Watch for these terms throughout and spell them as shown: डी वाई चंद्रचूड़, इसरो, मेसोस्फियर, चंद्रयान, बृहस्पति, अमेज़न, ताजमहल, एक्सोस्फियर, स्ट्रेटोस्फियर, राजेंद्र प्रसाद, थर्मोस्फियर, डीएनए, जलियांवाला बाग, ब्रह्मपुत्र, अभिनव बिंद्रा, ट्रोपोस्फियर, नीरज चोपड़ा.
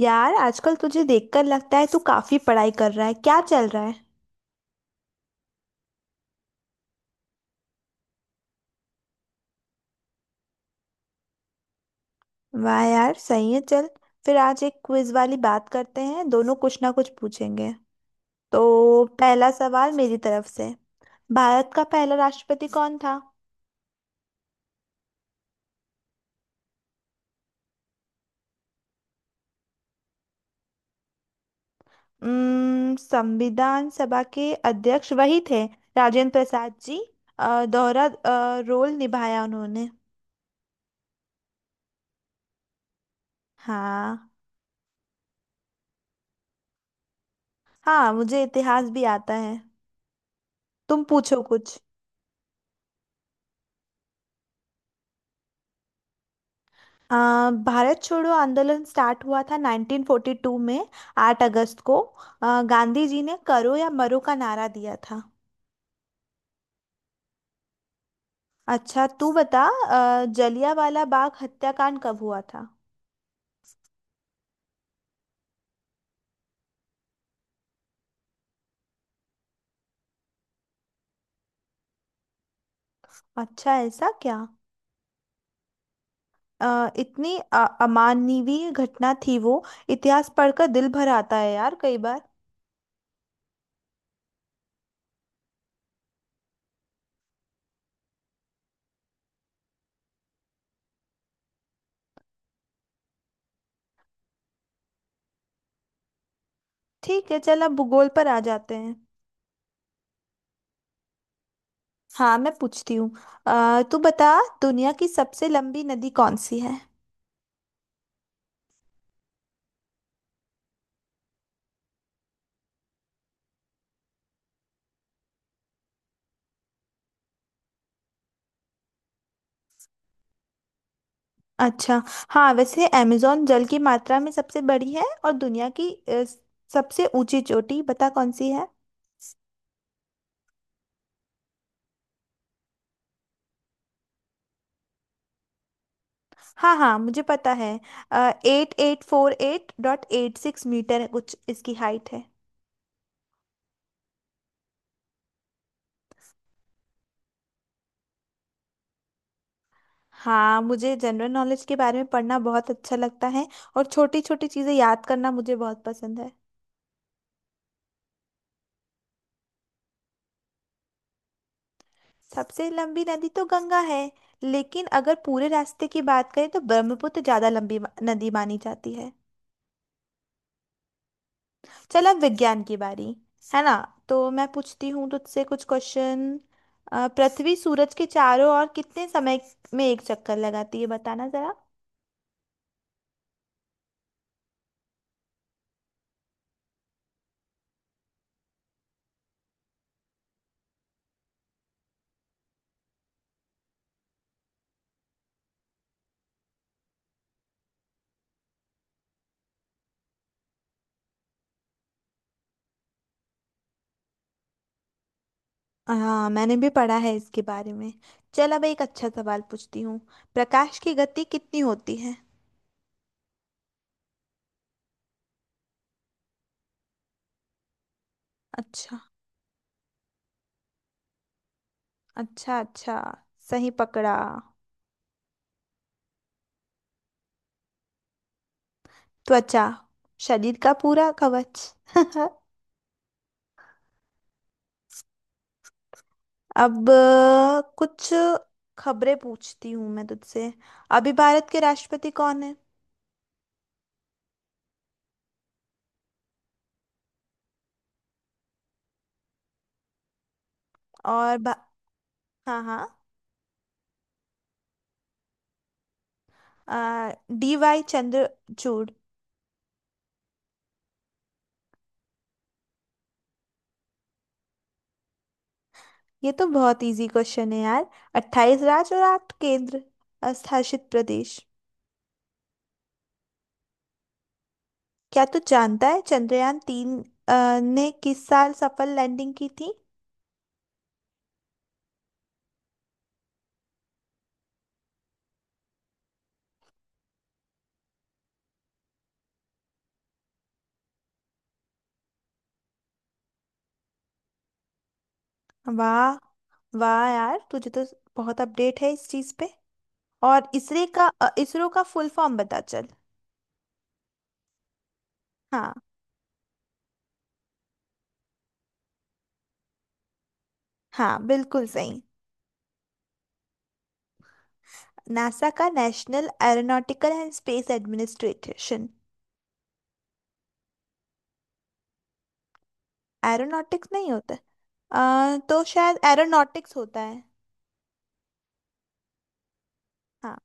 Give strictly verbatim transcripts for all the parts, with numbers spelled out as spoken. यार, आजकल तुझे देखकर लगता है तू काफी पढ़ाई कर रहा है। क्या चल रहा है? वाह यार, सही है। चल, फिर आज एक क्विज वाली बात करते हैं। दोनों कुछ ना कुछ पूछेंगे तो पहला सवाल मेरी तरफ से। भारत का पहला राष्ट्रपति कौन था? उम्म, संविधान सभा के अध्यक्ष वही थे। राजेंद्र प्रसाद जी। अ, दोहरा अ, रोल निभाया उन्होंने। हाँ। हाँ, मुझे इतिहास भी आता है। तुम पूछो कुछ। अ, भारत छोड़ो आंदोलन स्टार्ट हुआ था नाइन्टीन फ़ोर्टी टू में। आठ अगस्त को अ, गांधी जी ने करो या मरो का नारा दिया था। अच्छा, तू बता अ, जलियांवाला बाग हत्याकांड कब हुआ था? अच्छा, ऐसा क्या? अ, इतनी अ- अमानवीय घटना थी वो। इतिहास पढ़कर दिल भर आता है यार, कई बार। ठीक है, चल अब भूगोल पर आ जाते हैं। हाँ, मैं पूछती हूँ। अ, तू बता, दुनिया की सबसे लंबी नदी कौन सी है? अच्छा। हाँ, वैसे अमेज़न जल की मात्रा में सबसे बड़ी है। और दुनिया की अ, सबसे ऊंची चोटी बता कौन सी है? हाँ हाँ, मुझे पता है। Eight eight four eight dot eight six metre है कुछ, इसकी हाइट है। हाँ, मुझे जनरल नॉलेज के बारे में पढ़ना बहुत अच्छा लगता है। और छोटी छोटी चीज़ें याद करना मुझे बहुत पसंद है। सबसे लंबी नदी तो गंगा है, लेकिन अगर पूरे रास्ते की बात करें तो ब्रह्मपुत्र ज़्यादा लंबी मा- नदी मानी जाती है। चल, अब विज्ञान की बारी है ना। तो मैं पूछती हूँ तुझसे कुछ क्वेश्चन। पृथ्वी सूरज के चारों ओर कितने समय में एक चक्कर लगाती है, बताना जरा। हाँ, मैंने भी पढ़ा है इसके बारे में। चल, अब एक अच्छा सवाल पूछती हूँ। प्रकाश की गति कितनी होती है? अच्छा अच्छा। अच्छा, सही पकड़ा। त्वचा। शरीर का पूरा कवच। अब अ, कुछ खबरें पूछती हूँ मैं तुझसे। अभी भारत के राष्ट्रपति कौन है? और बा- हाँ हाँ। डी वाई चंद्रचूड़। ये तो बहुत इजी क्वेश्चन है यार। अट्ठाईस राज्य और आठ केंद्र अ, शासित प्रदेश। क्या तू जानता है चंद्रयान तीन अ, ने किस साल सफल लैंडिंग की थी? वाह। वाह यार, तुझे तो बहुत अपडेट है इस चीज पे। और इसरो का अ, इसरो का फुल फॉर्म बता चल। हाँ हाँ, बिल्कुल सही। नासा का national aeronautical and space administration. Aeronautics नहीं होता। आ, तो शायद एरोनॉटिक्स होता है। हाँ।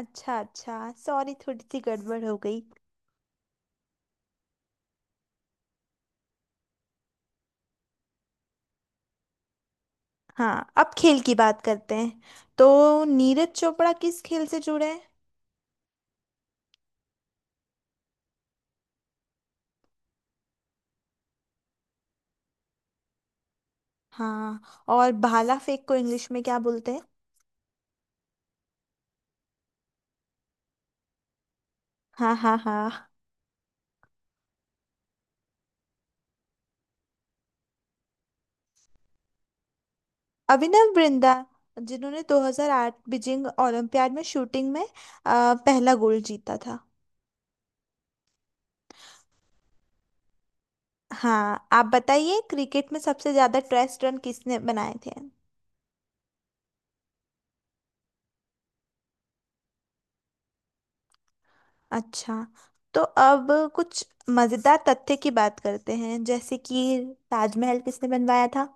अच्छा अच्छा, सॉरी थोड़ी सी गड़बड़ हो गई। हाँ, अब खेल की बात करते हैं। तो नीरज चोपड़ा किस खेल से जुड़े हैं? हाँ, और भाला फेंक को इंग्लिश में क्या बोलते हैं? हाँ हाँ हाँ। अभिनव बिंद्रा, जिन्होंने दो हज़ार आठ बीजिंग ओलंपियाड में शूटिंग में आ, पहला गोल्ड जीता था। हाँ, आप बताइए, क्रिकेट में सबसे ज्यादा टेस्ट रन किसने बनाए थे? अच्छा। तो अब कुछ मजेदार तथ्य की बात करते हैं, जैसे कि ताजमहल किसने बनवाया था?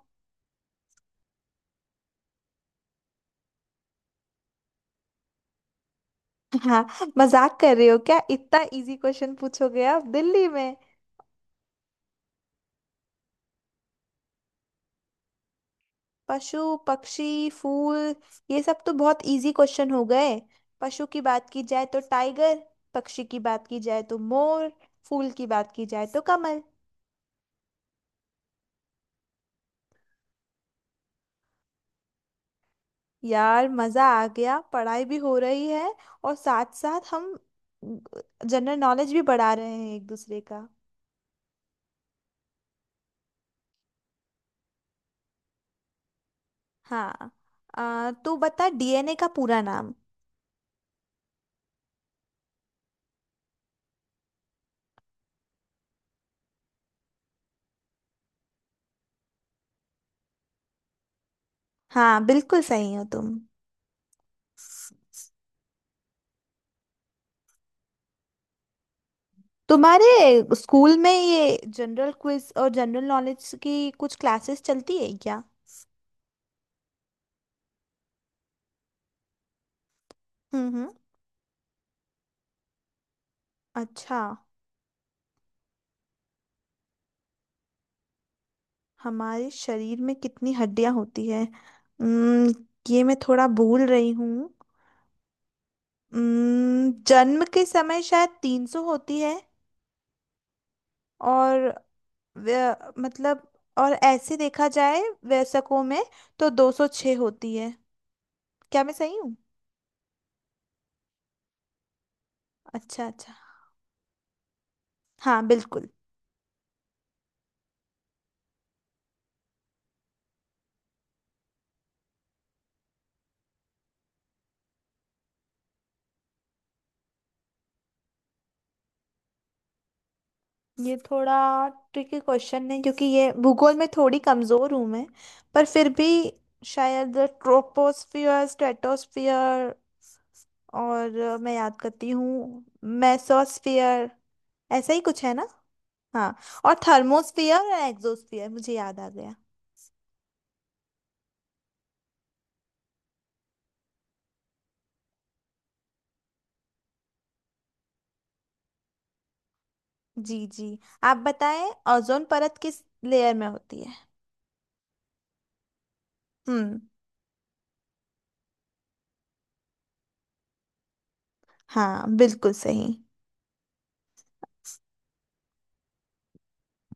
हाँ, मजाक कर रहे हो क्या? इतना इजी क्वेश्चन पूछोगे आप? दिल्ली में। पशु, पक्षी, फूल, ये सब तो बहुत इजी क्वेश्चन हो गए। पशु की बात की जाए तो टाइगर, पक्षी की बात की जाए तो मोर, फूल की बात की जाए तो कमल। यार, मजा आ गया, पढ़ाई भी हो रही है और साथ साथ हम जनरल नॉलेज भी बढ़ा रहे हैं एक दूसरे का। हाँ। आ, तू बता, डी एन ए का पूरा नाम। हाँ, बिल्कुल सही हो तुम। तुम्हारे स्कूल में ये जनरल क्विज और जनरल नॉलेज की कुछ क्लासेस चलती है क्या? हम्म हम्म। अच्छा, हमारे शरीर में कितनी हड्डियां होती है? हम्म, ये मैं थोड़ा भूल रही हूँ। हम्म, जन्म के समय शायद तीन सौ होती है। और व्य- मतलब, और ऐसे देखा जाए, वयस्कों में तो दो सौ छह होती है। क्या मैं सही हूँ? अच्छा अच्छा। हाँ, बिल्कुल। ये थोड़ा ट्रिकी क्वेश्चन है क्योंकि ये भूगोल में थोड़ी कमजोर हूँ मैं। पर फिर भी, शायद ट्रोपोस्फियर, स्ट्रेटोस्फियर और अ, मैं याद करती हूँ। मेसोस्फियर। ऐसा ही कुछ है ना? हाँ, और थर्मोस्फियर और एक्सोस्फियर मुझे याद आ गया। जी जी, आप बताएं। ओजोन परत किस लेयर में होती है? हम्म। हाँ, बिल्कुल सही।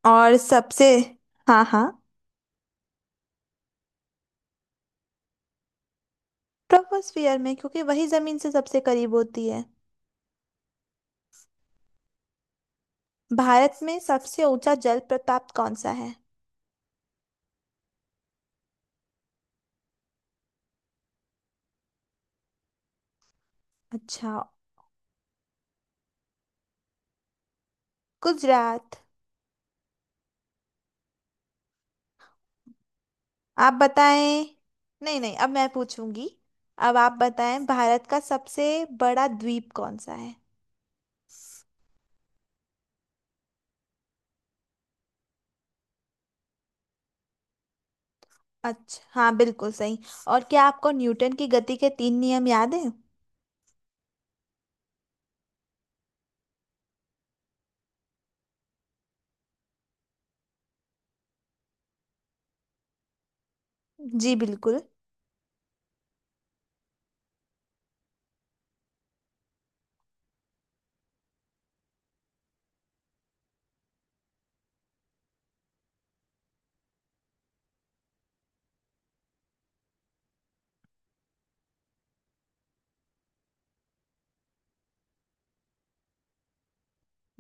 और सबसे। हाँ हाँ। ट्रोपोस्फियर में, क्योंकि वही जमीन से सबसे करीब होती है। भारत में सबसे ऊंचा जल प्रपात कौन सा है? अच्छा। गुजरात। आप बताएं। नहीं नहीं, अब मैं पूछूंगी। अब आप बताएं, भारत का सबसे बड़ा द्वीप कौन सा है? अच्छा, हाँ बिल्कुल सही। और क्या आपको न्यूटन की गति के तीन नियम याद हैं? जी बिल्कुल।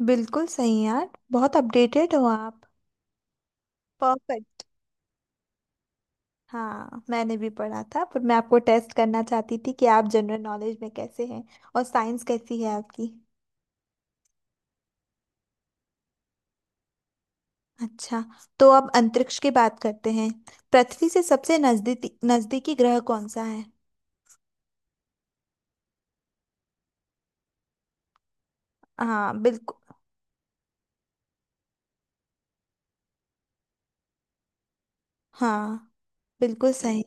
बिल्कुल सही यार, बहुत अपडेटेड हो आप। परफेक्ट। हाँ, मैंने भी पढ़ा था पर मैं आपको टेस्ट करना चाहती थी कि आप जनरल नॉलेज में कैसे हैं और साइंस कैसी है आपकी। अच्छा। तो अब अंतरिक्ष की बात करते हैं। पृथ्वी से सबसे नजदीकी नजदीकी ग्रह कौन सा है? हाँ बिल्कुल। हाँ, बिल्कुल सही।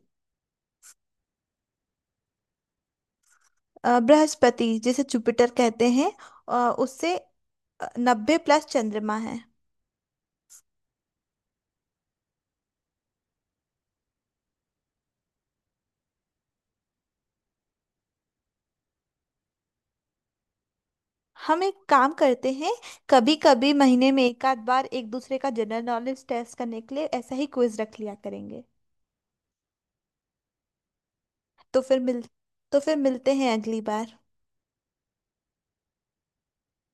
अ, बृहस्पति, जिसे जुपिटर कहते हैं। अ, उससे नब्बे प्लस चंद्रमा है। हम एक काम करते हैं। कभी कभी महीने में एक आध बार एक दूसरे का जनरल नॉलेज टेस्ट करने के लिए ऐसा ही क्विज रख लिया करेंगे। तो फिर मिल तो फिर मिलते हैं अगली बार।